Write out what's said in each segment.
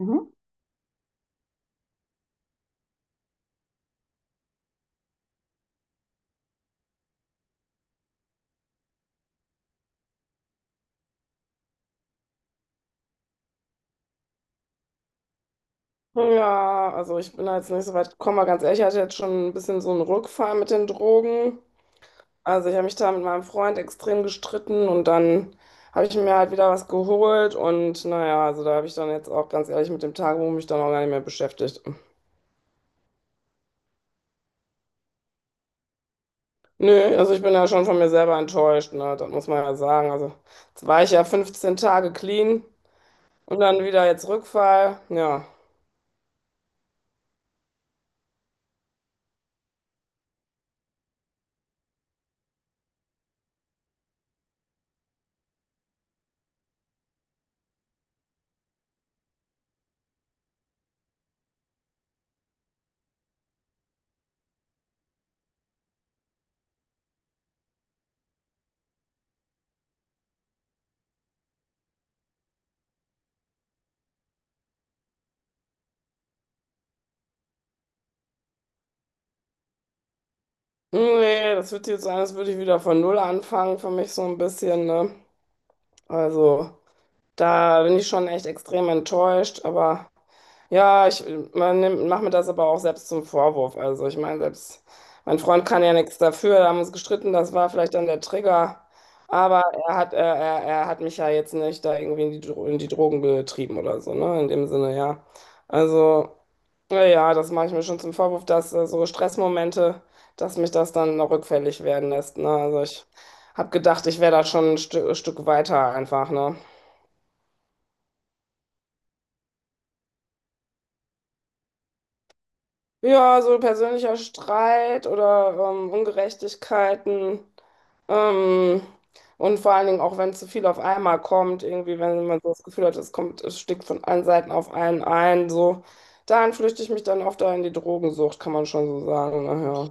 Mhm. Ja, also ich bin da jetzt nicht so weit gekommen, aber ganz ehrlich, ich hatte jetzt schon ein bisschen so einen Rückfall mit den Drogen. Also ich habe mich da mit meinem Freund extrem gestritten und dann habe ich mir halt wieder was geholt und naja, also da habe ich dann jetzt auch ganz ehrlich mit dem Tagebuch mich dann auch gar nicht mehr beschäftigt. Nö, also ich bin ja schon von mir selber enttäuscht, ne? Das muss man ja sagen. Also jetzt war ich ja 15 Tage clean und dann wieder jetzt Rückfall. Ja. Nee, das wird jetzt sein, als würde ich wieder von Null anfangen für mich so ein bisschen, ne? Also, da bin ich schon echt extrem enttäuscht, aber ja, ich mach mir das aber auch selbst zum Vorwurf. Also ich meine, selbst mein Freund kann ja nichts dafür, da haben wir uns gestritten, das war vielleicht dann der Trigger, aber er hat mich ja jetzt nicht da irgendwie in die, in die Drogen getrieben oder so, ne? In dem Sinne, ja. Also, naja, das mache ich mir schon zum Vorwurf, dass so Stressmomente, dass mich das dann noch rückfällig werden lässt, ne? Also ich habe gedacht, ich wäre da schon ein Stück weiter einfach, ne? Ja, so persönlicher Streit oder Ungerechtigkeiten. Ähm, und vor allen Dingen auch, wenn zu viel auf einmal kommt, irgendwie, wenn man so das Gefühl hat, es kommt, es stickt von allen Seiten auf einen ein, so. Dann flüchte ich mich dann oft da in die Drogensucht, kann man schon so sagen. Naja.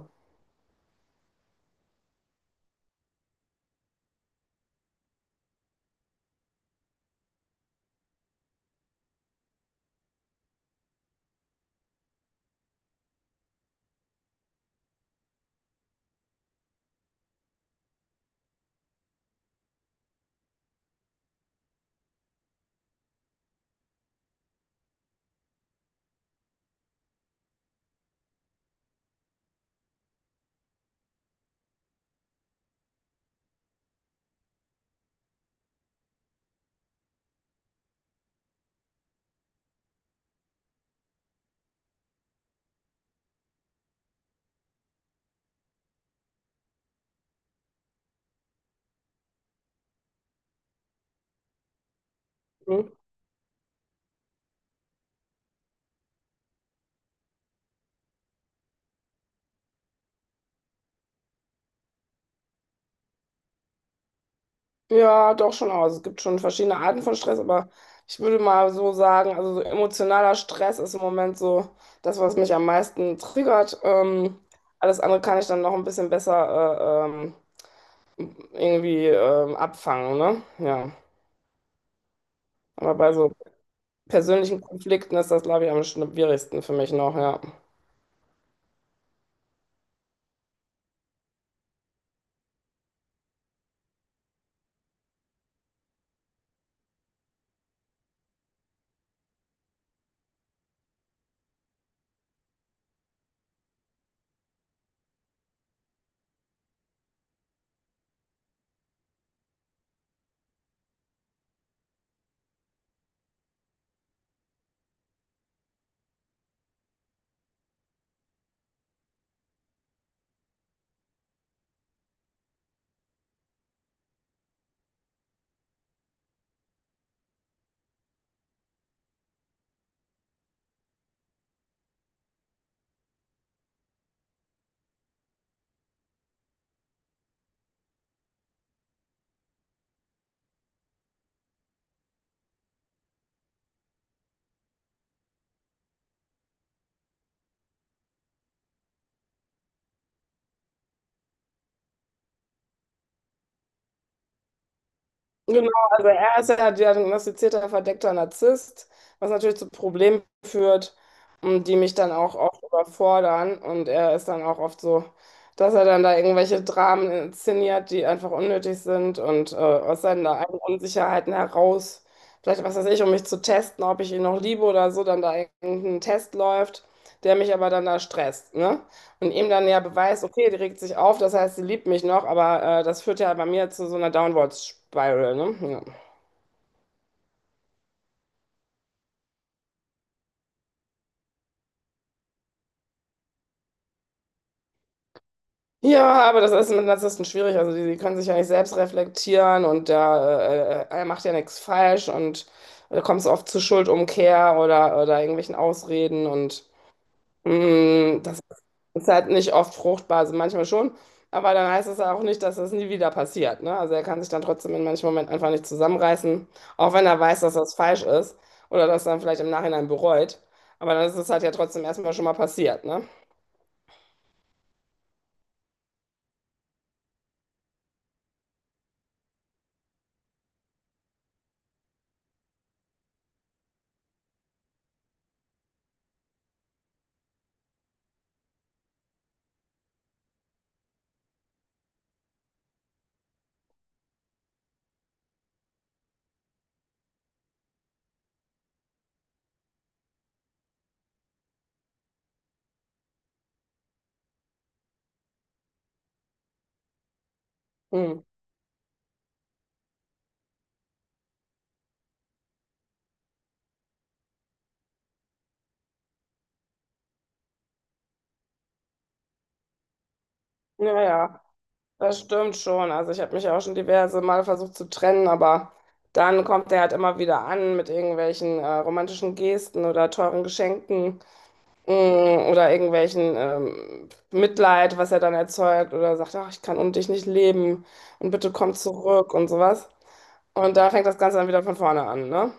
Hm? Ja, doch schon aus. Es gibt schon verschiedene Arten von Stress, aber ich würde mal so sagen, also so emotionaler Stress ist im Moment so das, was mich am meisten triggert. Alles andere kann ich dann noch ein bisschen besser irgendwie abfangen, ne? Ja. Aber bei so persönlichen Konflikten ist das, glaube ich, am schwierigsten für mich noch, ja. Genau, also er ist ja diagnostizierter verdeckter Narzisst, was natürlich zu Problemen führt, und die mich dann auch oft überfordern. Und er ist dann auch oft so, dass er dann da irgendwelche Dramen inszeniert, die einfach unnötig sind und aus seinen eigenen Unsicherheiten heraus, vielleicht was weiß ich, um mich zu testen, ob ich ihn noch liebe oder so, dann da irgendein Test läuft, der mich aber dann da stresst, ne? Und ihm dann ja beweist, okay, die regt sich auf, das heißt, sie liebt mich noch, aber das führt ja bei mir zu so einer Downward Spiral, ne? Ja. Ja, aber das ist mit Narzissten schwierig. Also die, die können sich ja nicht selbst reflektieren und er macht ja nichts falsch und da kommt es oft zu Schuldumkehr oder irgendwelchen Ausreden und das ist halt nicht oft fruchtbar, also manchmal schon, aber dann heißt es ja auch nicht, dass das nie wieder passiert, ne? Also er kann sich dann trotzdem in manchen Momenten einfach nicht zusammenreißen, auch wenn er weiß, dass das falsch ist oder dass er dann vielleicht im Nachhinein bereut, aber dann ist es halt ja trotzdem erstmal schon mal passiert, ne? Hm. Naja, das stimmt schon. Also ich habe mich auch schon diverse Mal versucht zu trennen, aber dann kommt er halt immer wieder an mit irgendwelchen romantischen Gesten oder teuren Geschenken. Mm. Oder irgendwelchen Mitleid, was er dann erzeugt, oder sagt, ach, ich kann ohne dich nicht leben und bitte komm zurück und sowas. Und da fängt das Ganze dann wieder von vorne an, ne?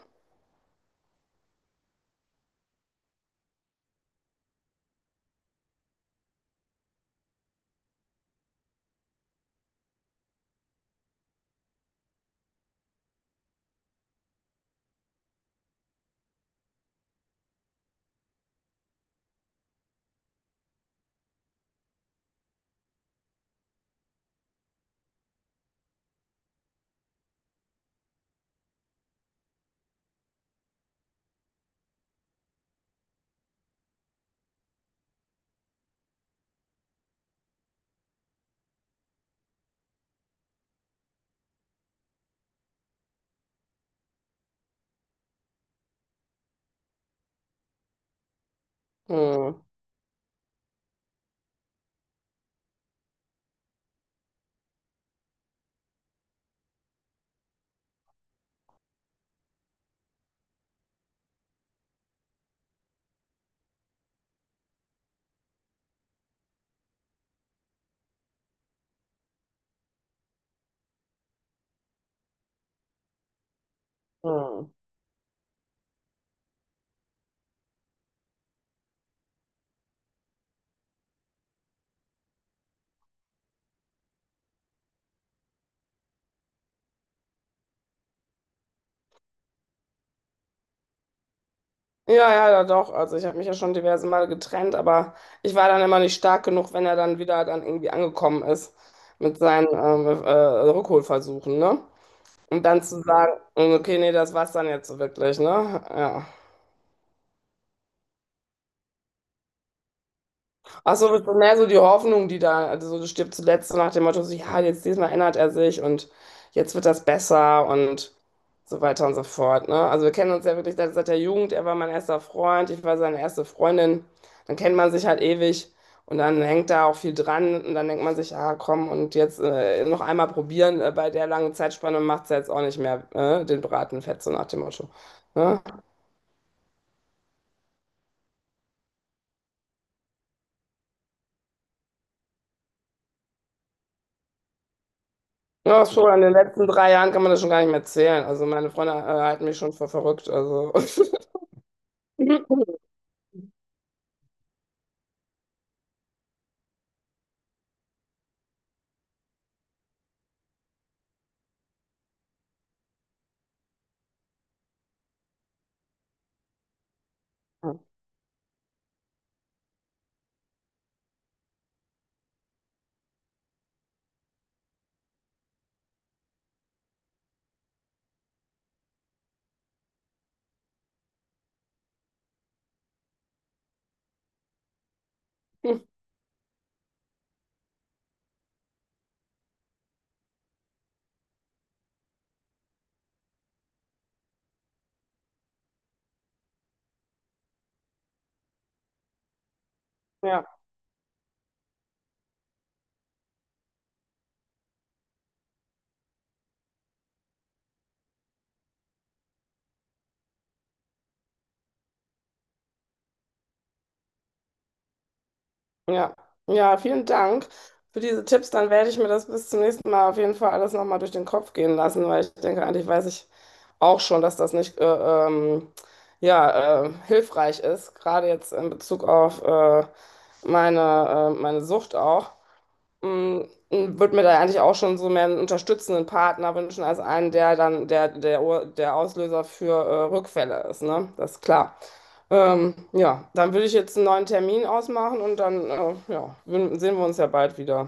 Hm. Hm. Ja, ja, ja, doch. Also ich habe mich ja schon diverse Male getrennt, aber ich war dann immer nicht stark genug, wenn er dann wieder dann irgendwie angekommen ist mit seinen Rückholversuchen, ne? Und dann zu sagen, okay, nee, das war's dann jetzt so wirklich, ne? Ja. Ach so, das ist mehr so die Hoffnung, die da, also so, du stirbst zuletzt so nach dem Motto, so, ja, jetzt diesmal erinnert er sich und jetzt wird das besser und so weiter und so fort, ne? Also wir kennen uns ja wirklich seit der Jugend, er war mein erster Freund, ich war seine erste Freundin, dann kennt man sich halt ewig und dann hängt da auch viel dran und dann denkt man sich, ah komm, und jetzt noch einmal probieren, bei der langen Zeitspanne macht es jetzt auch nicht mehr, den Braten fett, so nach dem Motto. Ne? Ja, ist schon, in den letzten 3 Jahren kann man das schon gar nicht mehr zählen. Also meine Freunde, halten mich schon für verrückt. Also. Ja, ja, ja, vielen Dank für diese Tipps. Dann werde ich mir das bis zum nächsten Mal auf jeden Fall alles nochmal durch den Kopf gehen lassen, weil ich denke, eigentlich weiß ich auch schon, dass das nicht ähm, ja, hilfreich ist, gerade jetzt in Bezug auf meine Sucht auch. Mm. Würde mir da eigentlich auch schon so mehr einen unterstützenden Partner wünschen, als einen, der dann der Auslöser für Rückfälle ist, ne? Das ist klar. Ja, dann würde ich jetzt einen neuen Termin ausmachen und dann ja, sehen wir uns ja bald wieder.